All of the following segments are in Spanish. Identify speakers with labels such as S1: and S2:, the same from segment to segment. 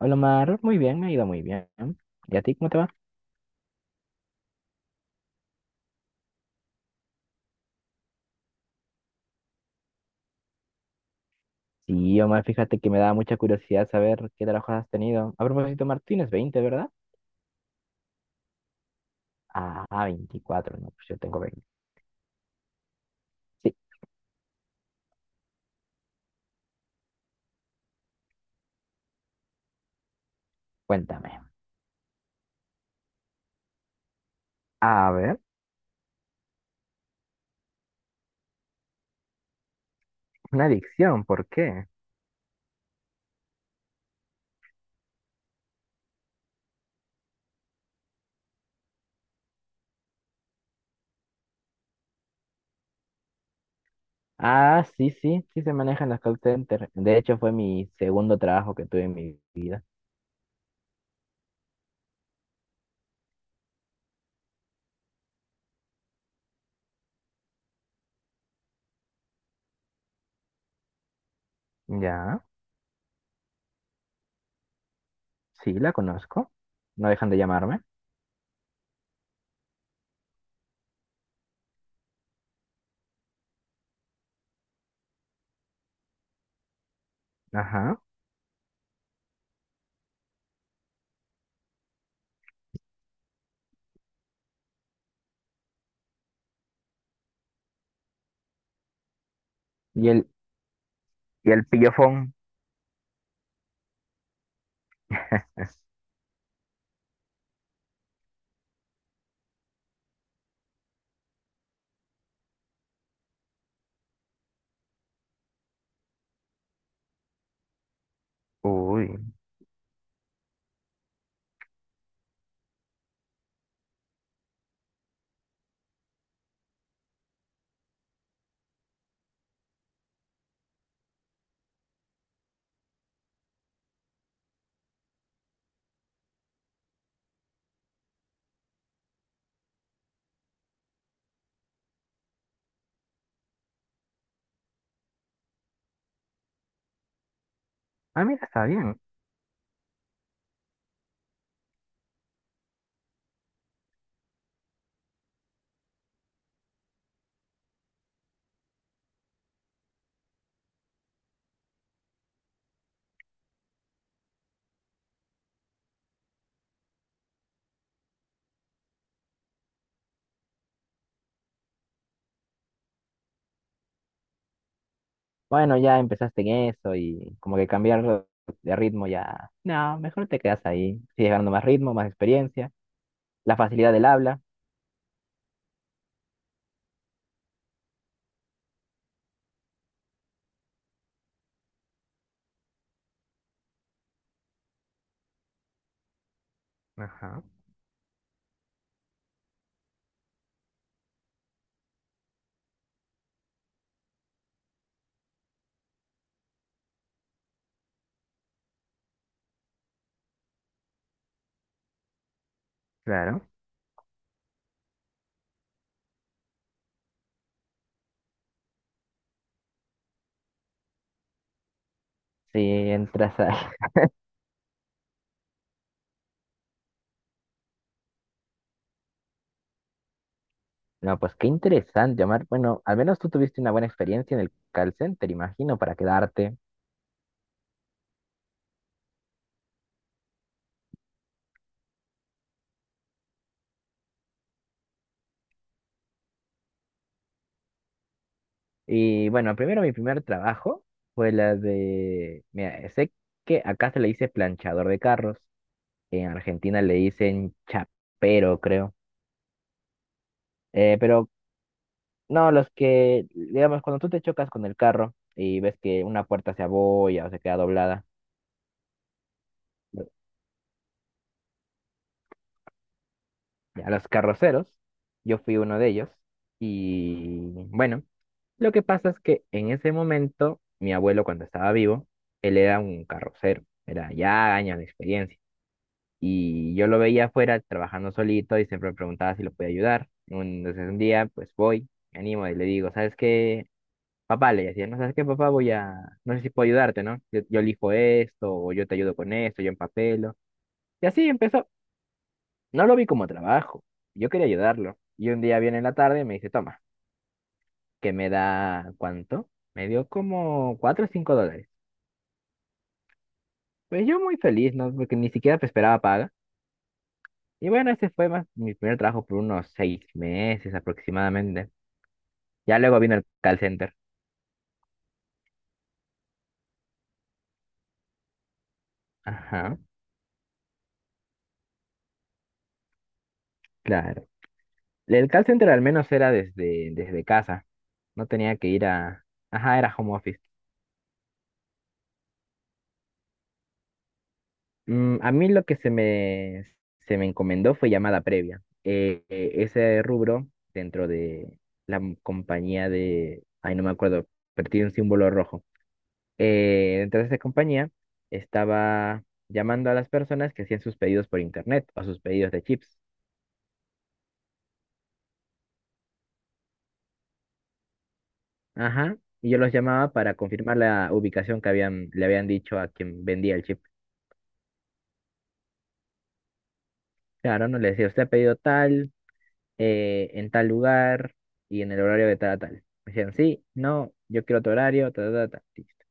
S1: Hola Omar, muy bien, me ha ido muy bien. ¿Y a ti cómo te va? Sí, Omar, fíjate que me da mucha curiosidad saber qué trabajos has tenido. A propósito, Martínez, 20, ¿verdad? Ah, 24. No, pues yo tengo 20. Sí, cuéntame. A ver, una adicción, ¿por qué? Ah, sí, sí, sí se manejan las call centers. De hecho, fue mi segundo trabajo que tuve en mi vida. Ya, sí, la conozco. No dejan de llamarme. Ajá. Y el, y el pillofón. Uy. Ah, mira, está bien. Bueno, ya empezaste en eso y como que cambiar de ritmo ya. No, mejor te quedas ahí. Sigues ganando más ritmo, más experiencia, la facilidad del habla. Ajá, claro. Si entras a... No, pues qué interesante, Omar. Bueno, al menos tú tuviste una buena experiencia en el call center, imagino, para quedarte. Y bueno, primero mi primer trabajo fue la de... Mira, sé que acá se le dice planchador de carros, en Argentina le dicen chapero, creo. Pero no, los que, digamos, cuando tú te chocas con el carro y ves que una puerta se abolla o se queda doblada, lo- a los carroceros, yo fui uno de ellos y bueno, lo que pasa es que en ese momento, mi abuelo cuando estaba vivo, él era un carrocero, era ya años de experiencia y yo lo veía afuera trabajando solito y siempre me preguntaba si lo podía ayudar. Entonces un día, pues voy, me animo y le digo, ¿sabes qué? Papá le decía, no sabes qué, papá, voy a, no sé si puedo ayudarte, ¿no? Yo elijo esto, o yo te ayudo con esto, yo empapelo. Y así empezó. No lo vi como trabajo, yo quería ayudarlo. Y un día viene en la tarde y me dice, toma, que me da, ¿cuánto? Me dio como 4 o 5 dólares. Pues yo muy feliz, ¿no? Porque ni siquiera pues, esperaba paga. Y bueno, ese fue más mi primer trabajo por unos 6 meses aproximadamente. Ya luego vino el call center. Ajá, claro. El call center al menos era desde casa. No tenía que ir a... Ajá, era home office. A mí lo que se me encomendó fue llamada previa. Ese rubro dentro de la compañía de... Ay, no me acuerdo, pero tiene un símbolo rojo. Dentro de esa compañía estaba llamando a las personas que hacían sus pedidos por internet o sus pedidos de chips. Ajá. Y yo los llamaba para confirmar la ubicación que le habían dicho a quien vendía el chip. Claro, no le decía, usted ha pedido tal, en tal lugar y en el horario de tal a tal. Me decían, sí, no, yo quiero otro horario, ta, ta, ta, ta, listo.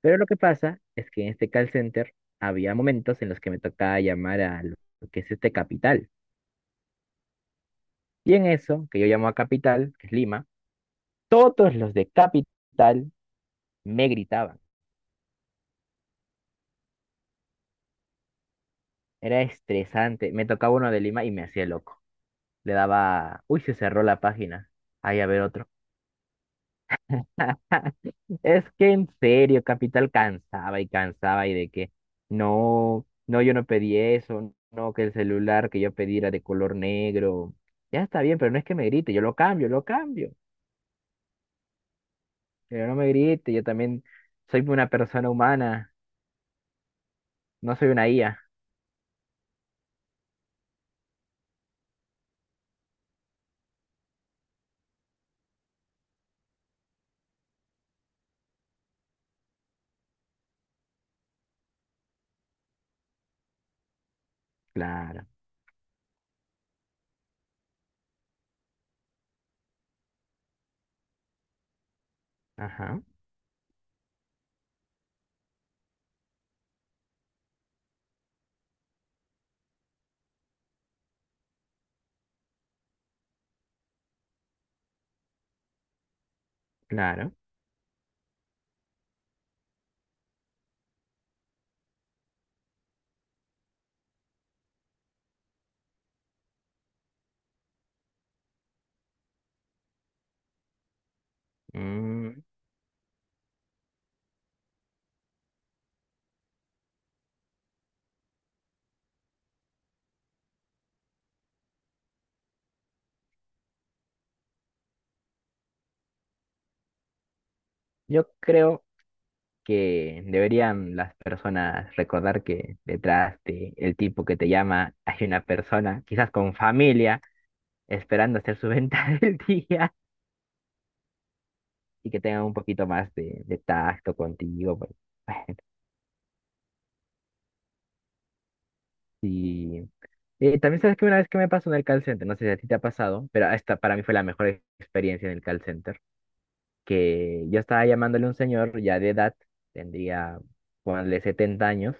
S1: Pero lo que pasa es que en este call center había momentos en los que me tocaba llamar a lo que es este Capital. Y en eso, que yo llamo a Capital, que es Lima, todos los de Capital me gritaban. Era estresante. Me tocaba uno de Lima y me hacía loco. Le daba, uy, se cerró la página. Ahí a ver otro. Es que en serio, Capital cansaba y cansaba y de que no, no, yo no pedí eso, no, que el celular que yo pedí era de color negro. Ya está bien, pero no es que me grite, yo lo cambio, lo cambio. Pero no me grite, yo también soy una persona humana, no soy una IA. Claro, ajá, claro. Mm, yo creo que deberían las personas recordar que detrás de el tipo que te llama hay una persona, quizás con familia esperando hacer su venta del día y que tengan un poquito más de tacto contigo. Pues, bueno, sí. También sabes que una vez que me pasó en el call center, no sé si a ti te ha pasado, pero esta para mí fue la mejor experiencia en el call center, que yo estaba llamándole a un señor ya de edad, tendría, ponle 70 años,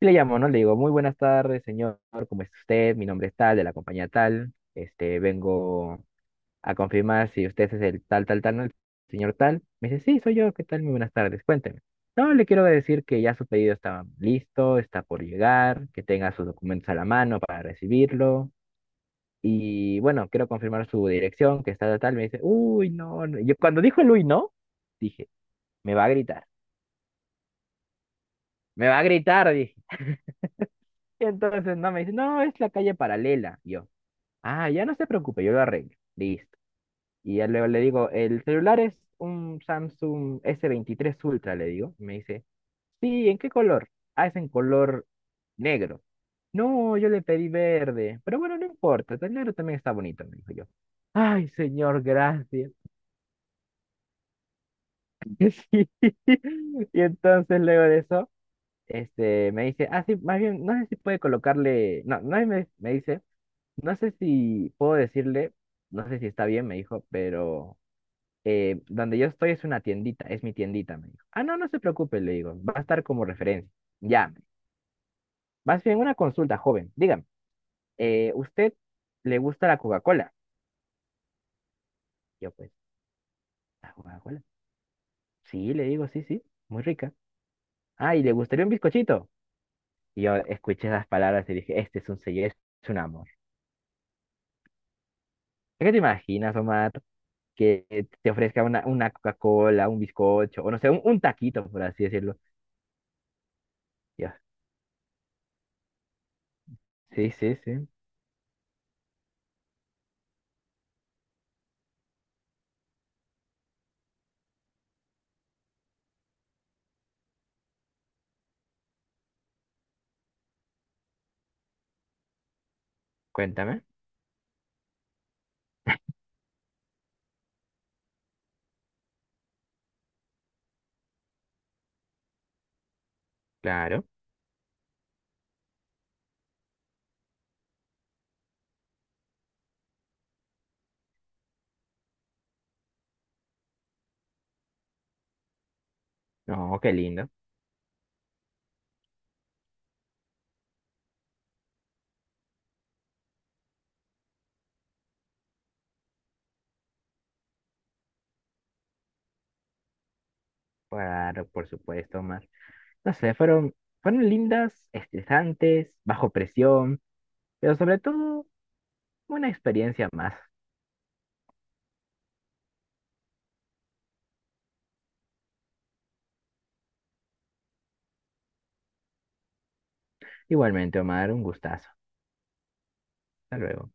S1: y le llamo, ¿no? Le digo, muy buenas tardes, señor, ¿cómo está usted? Mi nombre es tal, de la compañía tal, este, vengo a confirmar si usted es el tal, tal, tal, ¿no? El señor tal. Me dice, sí, soy yo, ¿qué tal? Muy buenas tardes, cuénteme. No, le quiero decir que ya su pedido está listo, está por llegar, que tenga sus documentos a la mano para recibirlo. Y bueno, quiero confirmar su dirección, que está tal, tal. Me dice, uy, no, no. Yo cuando dijo el uy, no, dije, me va a gritar, me va a gritar, dije. Y entonces no, me dice, no, es la calle paralela. Y yo, ah, ya no se preocupe, yo lo arreglo. Listo. Y ya luego le digo, el celular es un Samsung S23 Ultra, le digo. Y me dice, sí, ¿en qué color? Ah, es en color negro. No, yo le pedí verde, pero bueno, no importa, el negro también está bonito, me dijo yo. Ay, señor, gracias. Sí. Y entonces luego de eso, este, me dice, ah, sí, más bien, no sé si puede colocarle, no, no, y me dice, no sé si puedo decirle, no sé si está bien, me dijo, pero donde yo estoy es una tiendita, es mi tiendita, me dijo. Ah, no, no se preocupe, le digo, va a estar como referencia. Ya, me dijo. Más bien una consulta, joven, dígame, ¿usted le gusta la Coca-Cola? Yo, pues, ¿la Coca-Cola? Sí, le digo, sí, sí, muy rica. Ah, ¿y le gustaría un bizcochito? Y yo escuché esas palabras y dije, este es un sello, este es un amor. ¿Es que te imaginas, Omar, que te ofrezca una Coca-Cola, un bizcocho, o no sé, un taquito, por así decirlo? Yo, sí, sí, sí, cuéntame, claro. No, qué lindo. Claro, por supuesto, Omar. No sé, fueron, lindas, estresantes, bajo presión, pero sobre todo una experiencia más. Igualmente, Omar, un gustazo. Hasta luego.